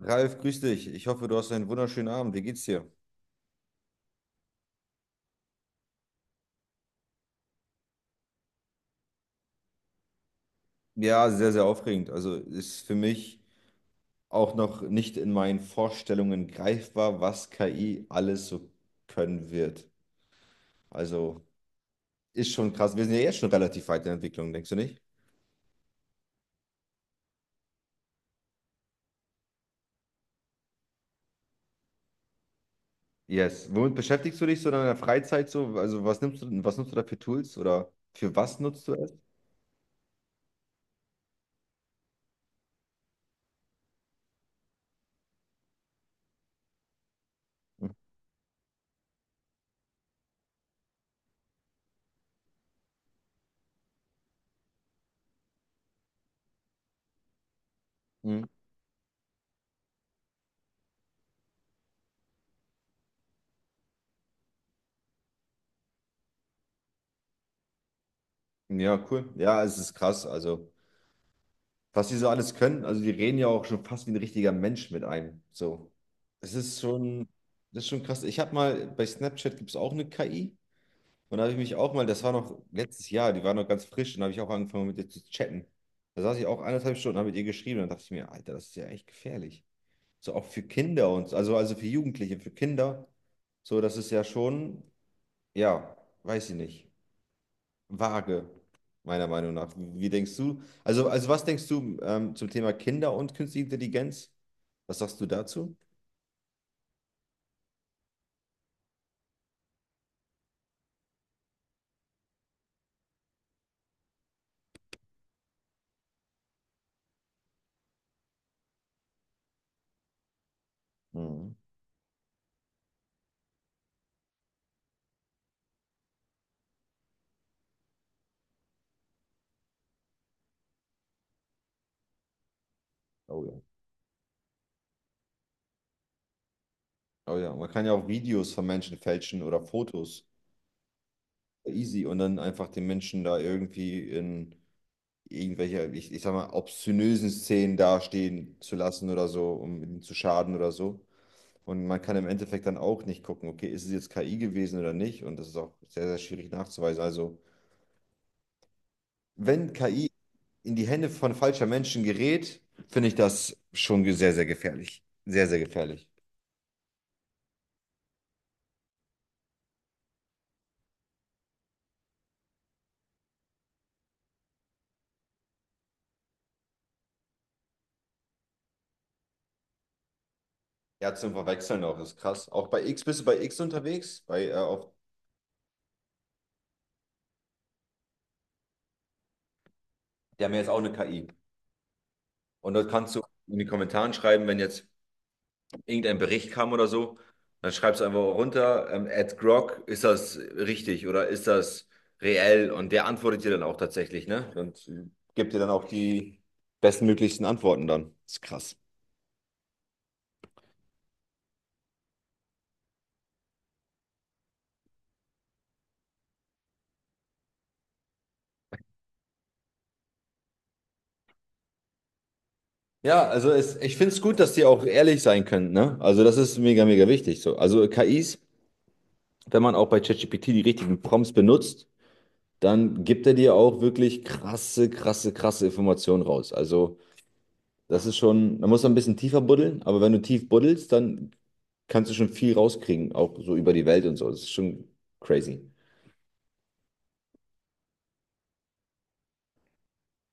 Ralf, grüß dich. Ich hoffe, du hast einen wunderschönen Abend. Wie geht's dir? Ja, sehr, sehr aufregend. Also ist für mich auch noch nicht in meinen Vorstellungen greifbar, was KI alles so können wird. Also ist schon krass. Wir sind ja jetzt schon relativ weit in der Entwicklung, denkst du nicht? Yes. Womit beschäftigst du dich so in deiner Freizeit so? Also was nimmst du, was nutzt du da für Tools oder für was nutzt du es? Mhm. Ja, cool. Ja, es ist krass. Also was die so alles können. Also die reden ja auch schon fast wie ein richtiger Mensch mit einem. So, es ist schon, das ist schon krass. Ich habe mal, bei Snapchat gibt es auch eine KI, und da habe ich mich auch mal, das war noch letztes Jahr, die war noch ganz frisch, und da habe ich auch angefangen mit ihr zu chatten. Da saß ich auch 1,5 Stunden, habe mit ihr geschrieben, und dann dachte ich mir, Alter, das ist ja echt gefährlich. So auch für Kinder und so, also für Jugendliche, für Kinder. So, das ist ja schon, ja, weiß ich nicht, vage, meiner Meinung nach. Wie denkst du? Also was denkst du zum Thema Kinder und künstliche Intelligenz? Was sagst du dazu? Mhm. Oh ja. Oh ja, man kann ja auch Videos von Menschen fälschen oder Fotos. Easy. Und dann einfach den Menschen da irgendwie in irgendwelche, ich sag mal, obszönösen Szenen dastehen zu lassen oder so, um ihnen zu schaden oder so. Und man kann im Endeffekt dann auch nicht gucken, okay, ist es jetzt KI gewesen oder nicht? Und das ist auch sehr, sehr schwierig nachzuweisen. Also, wenn KI in die Hände von falscher Menschen gerät, finde ich das schon sehr, sehr gefährlich. Sehr, sehr gefährlich. Ja, zum Verwechseln auch, ist krass. Auch bei X, bist du bei X unterwegs? Bei, auf, die haben ja jetzt auch eine KI. Und dort kannst du in die Kommentaren schreiben, wenn jetzt irgendein Bericht kam oder so, dann schreibst du einfach runter, at Grok, ist das richtig oder ist das reell? Und der antwortet dir dann auch tatsächlich, ne? Und gibt dir dann auch die bestmöglichsten Antworten dann. Ist krass. Ja, also es, ich finde es gut, dass die auch ehrlich sein können, ne? Also das ist mega, mega wichtig so. Also KIs, wenn man auch bei ChatGPT die richtigen Prompts benutzt, dann gibt er dir auch wirklich krasse, krasse, krasse Informationen raus. Also das ist schon, man muss ein bisschen tiefer buddeln, aber wenn du tief buddelst, dann kannst du schon viel rauskriegen, auch so über die Welt und so. Das ist schon crazy.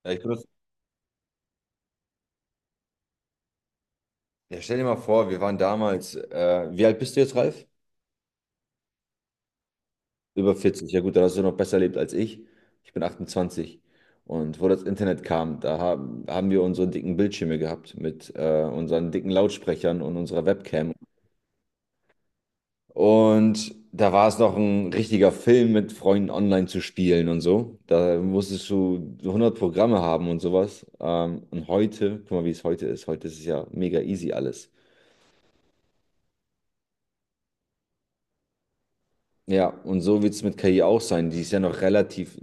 Ja, ich benutze, ja, stell dir mal vor, wir waren damals, wie alt bist du jetzt, Ralf? Über 40, ja gut, da hast du noch besser erlebt als ich. Ich bin 28. Und wo das Internet kam, da haben wir unsere dicken Bildschirme gehabt mit unseren dicken Lautsprechern und unserer Webcam. Und da war es noch ein richtiger Film mit Freunden online zu spielen und so. Da musstest du 100 Programme haben und sowas. Und heute, guck mal, wie es heute ist. Heute ist es ja mega easy alles. Ja, und so wird es mit KI auch sein. Die ist ja noch relativ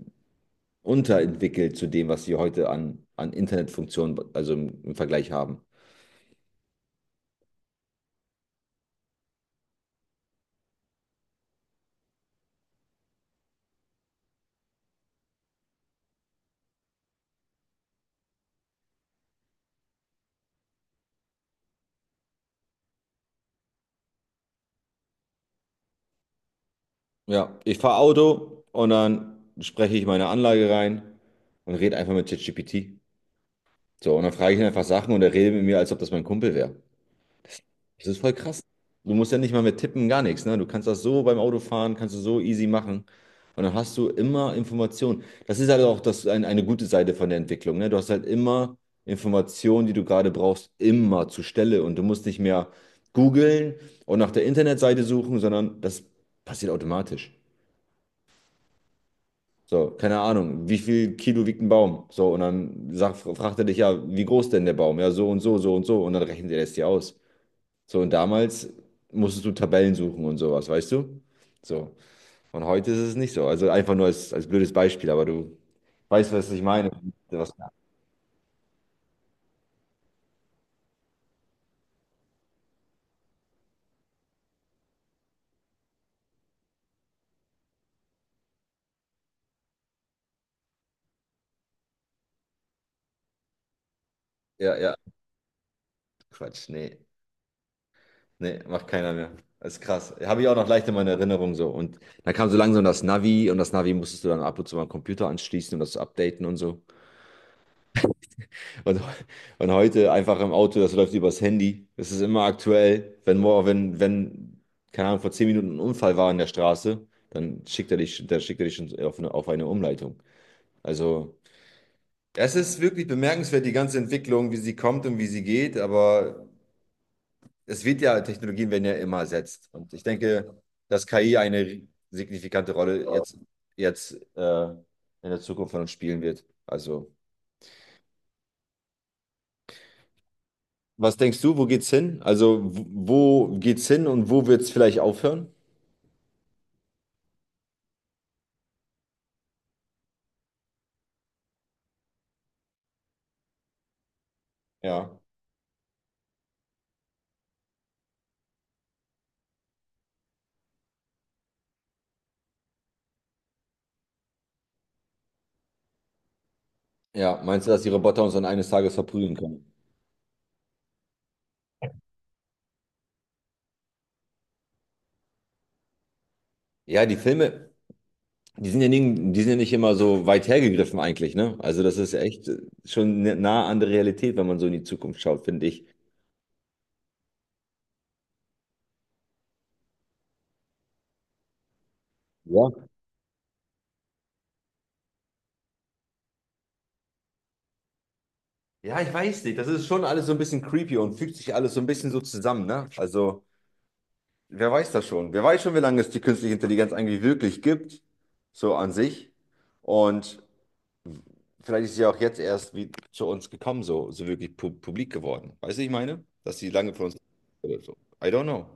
unterentwickelt zu dem, was sie heute an Internetfunktionen, also im Vergleich haben. Ja, ich fahre Auto und dann spreche ich meine Anlage rein und rede einfach mit ChatGPT. So, und dann frage ich ihn einfach Sachen, und er redet mit mir, als ob das mein Kumpel wäre. Das ist voll krass. Du musst ja nicht mal mit tippen, gar nichts, ne? Du kannst das so beim Autofahren, kannst du so easy machen. Und dann hast du immer Informationen. Das ist halt auch das, eine gute Seite von der Entwicklung, ne? Du hast halt immer Informationen, die du gerade brauchst, immer zur Stelle. Und du musst nicht mehr googeln und nach der Internetseite suchen, sondern das passiert automatisch. So, keine Ahnung, wie viel Kilo wiegt ein Baum? So, und dann fragt er dich ja, wie groß denn der Baum? Ja, so und so, so und so. Und dann rechnet er das dir aus. So, und damals musstest du Tabellen suchen und sowas, weißt du? So. Und heute ist es nicht so. Also einfach nur als, als blödes Beispiel, aber du weißt, was ich meine. Was, ja, ja, Quatsch. Nee, nee, macht keiner mehr. Das ist krass. Habe ich auch noch leicht in meiner Erinnerung so. Und dann kam so langsam das Navi, und das Navi musstest du dann ab und zu mal am Computer anschließen und das updaten und so. Und, und heute einfach im Auto, das läuft übers Handy. Das ist immer aktuell. Wenn, mor- wenn, wenn, keine Ahnung, vor 10 Minuten ein Unfall war in der Straße, dann dann schickt er dich schon auf eine Umleitung. Also, es ist wirklich bemerkenswert, die ganze Entwicklung, wie sie kommt und wie sie geht, aber es wird ja, Technologien werden ja immer ersetzt. Und ich denke, dass KI eine signifikante Rolle jetzt in der Zukunft von uns spielen wird. Also was denkst du, wo geht's hin? Also, wo geht's hin und wo wird's vielleicht aufhören? Ja. Ja, meinst du, dass die Roboter uns dann eines Tages verprügeln können? Ja, die Filme, die sind ja nicht, die sind ja nicht immer so weit hergegriffen eigentlich, ne? Also, das ist echt schon nah an der Realität, wenn man so in die Zukunft schaut, finde ich. Ja. Ja, ich weiß nicht. Das ist schon alles so ein bisschen creepy und fügt sich alles so ein bisschen so zusammen, ne? Also, wer weiß das schon? Wer weiß schon, wie lange es die künstliche Intelligenz eigentlich wirklich gibt, so an sich. Und vielleicht ist sie auch jetzt erst wie zu uns gekommen, so, so wirklich pu publik geworden. Weißt du, ich meine? Dass sie lange für uns oder so. I don't know.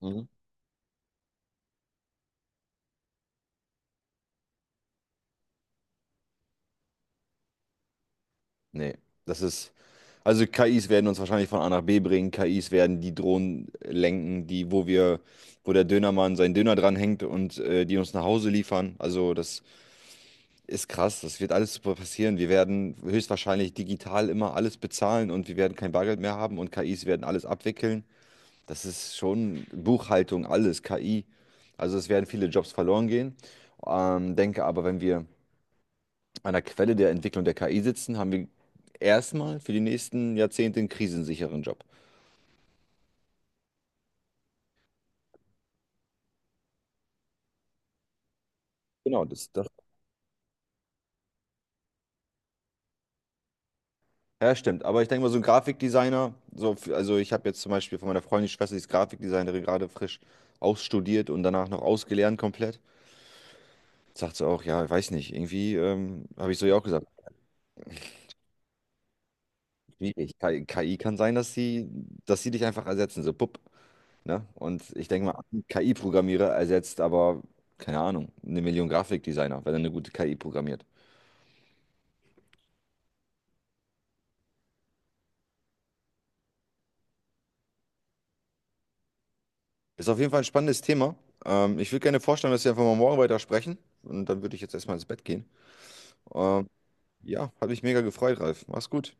Mhm. Nee, das ist. Also KIs werden uns wahrscheinlich von A nach B bringen. KIs werden die Drohnen lenken, die, wo der Dönermann seinen Döner dranhängt und die uns nach Hause liefern. Also das ist krass. Das wird alles super passieren. Wir werden höchstwahrscheinlich digital immer alles bezahlen, und wir werden kein Bargeld mehr haben, und KIs werden alles abwickeln. Das ist schon Buchhaltung, alles, KI. Also es werden viele Jobs verloren gehen. Denke aber, wenn wir an der Quelle der Entwicklung der KI sitzen, haben wir erstmal für die nächsten Jahrzehnte einen krisensicheren Job. Genau, das, das. Ja, stimmt. Aber ich denke mal, so ein Grafikdesigner, so, also ich habe jetzt zum Beispiel von meiner Freundin die Schwester, die ist Grafikdesignerin, gerade frisch ausstudiert und danach noch ausgelernt komplett. Sagt sie auch, ja, ich weiß nicht, irgendwie habe ich so ja auch gesagt, schwierig. KI kann sein, dass sie dich einfach ersetzen, so pupp. Ne? Und ich denke mal, ein KI-Programmierer ersetzt aber, keine Ahnung, 1 Million Grafikdesigner, wenn er eine gute KI programmiert. Ist auf jeden Fall ein spannendes Thema. Ich würde gerne vorstellen, dass wir einfach mal morgen weiter sprechen. Und dann würde ich jetzt erstmal ins Bett gehen. Ähm, ja, hat mich mega gefreut, Ralf. Mach's gut.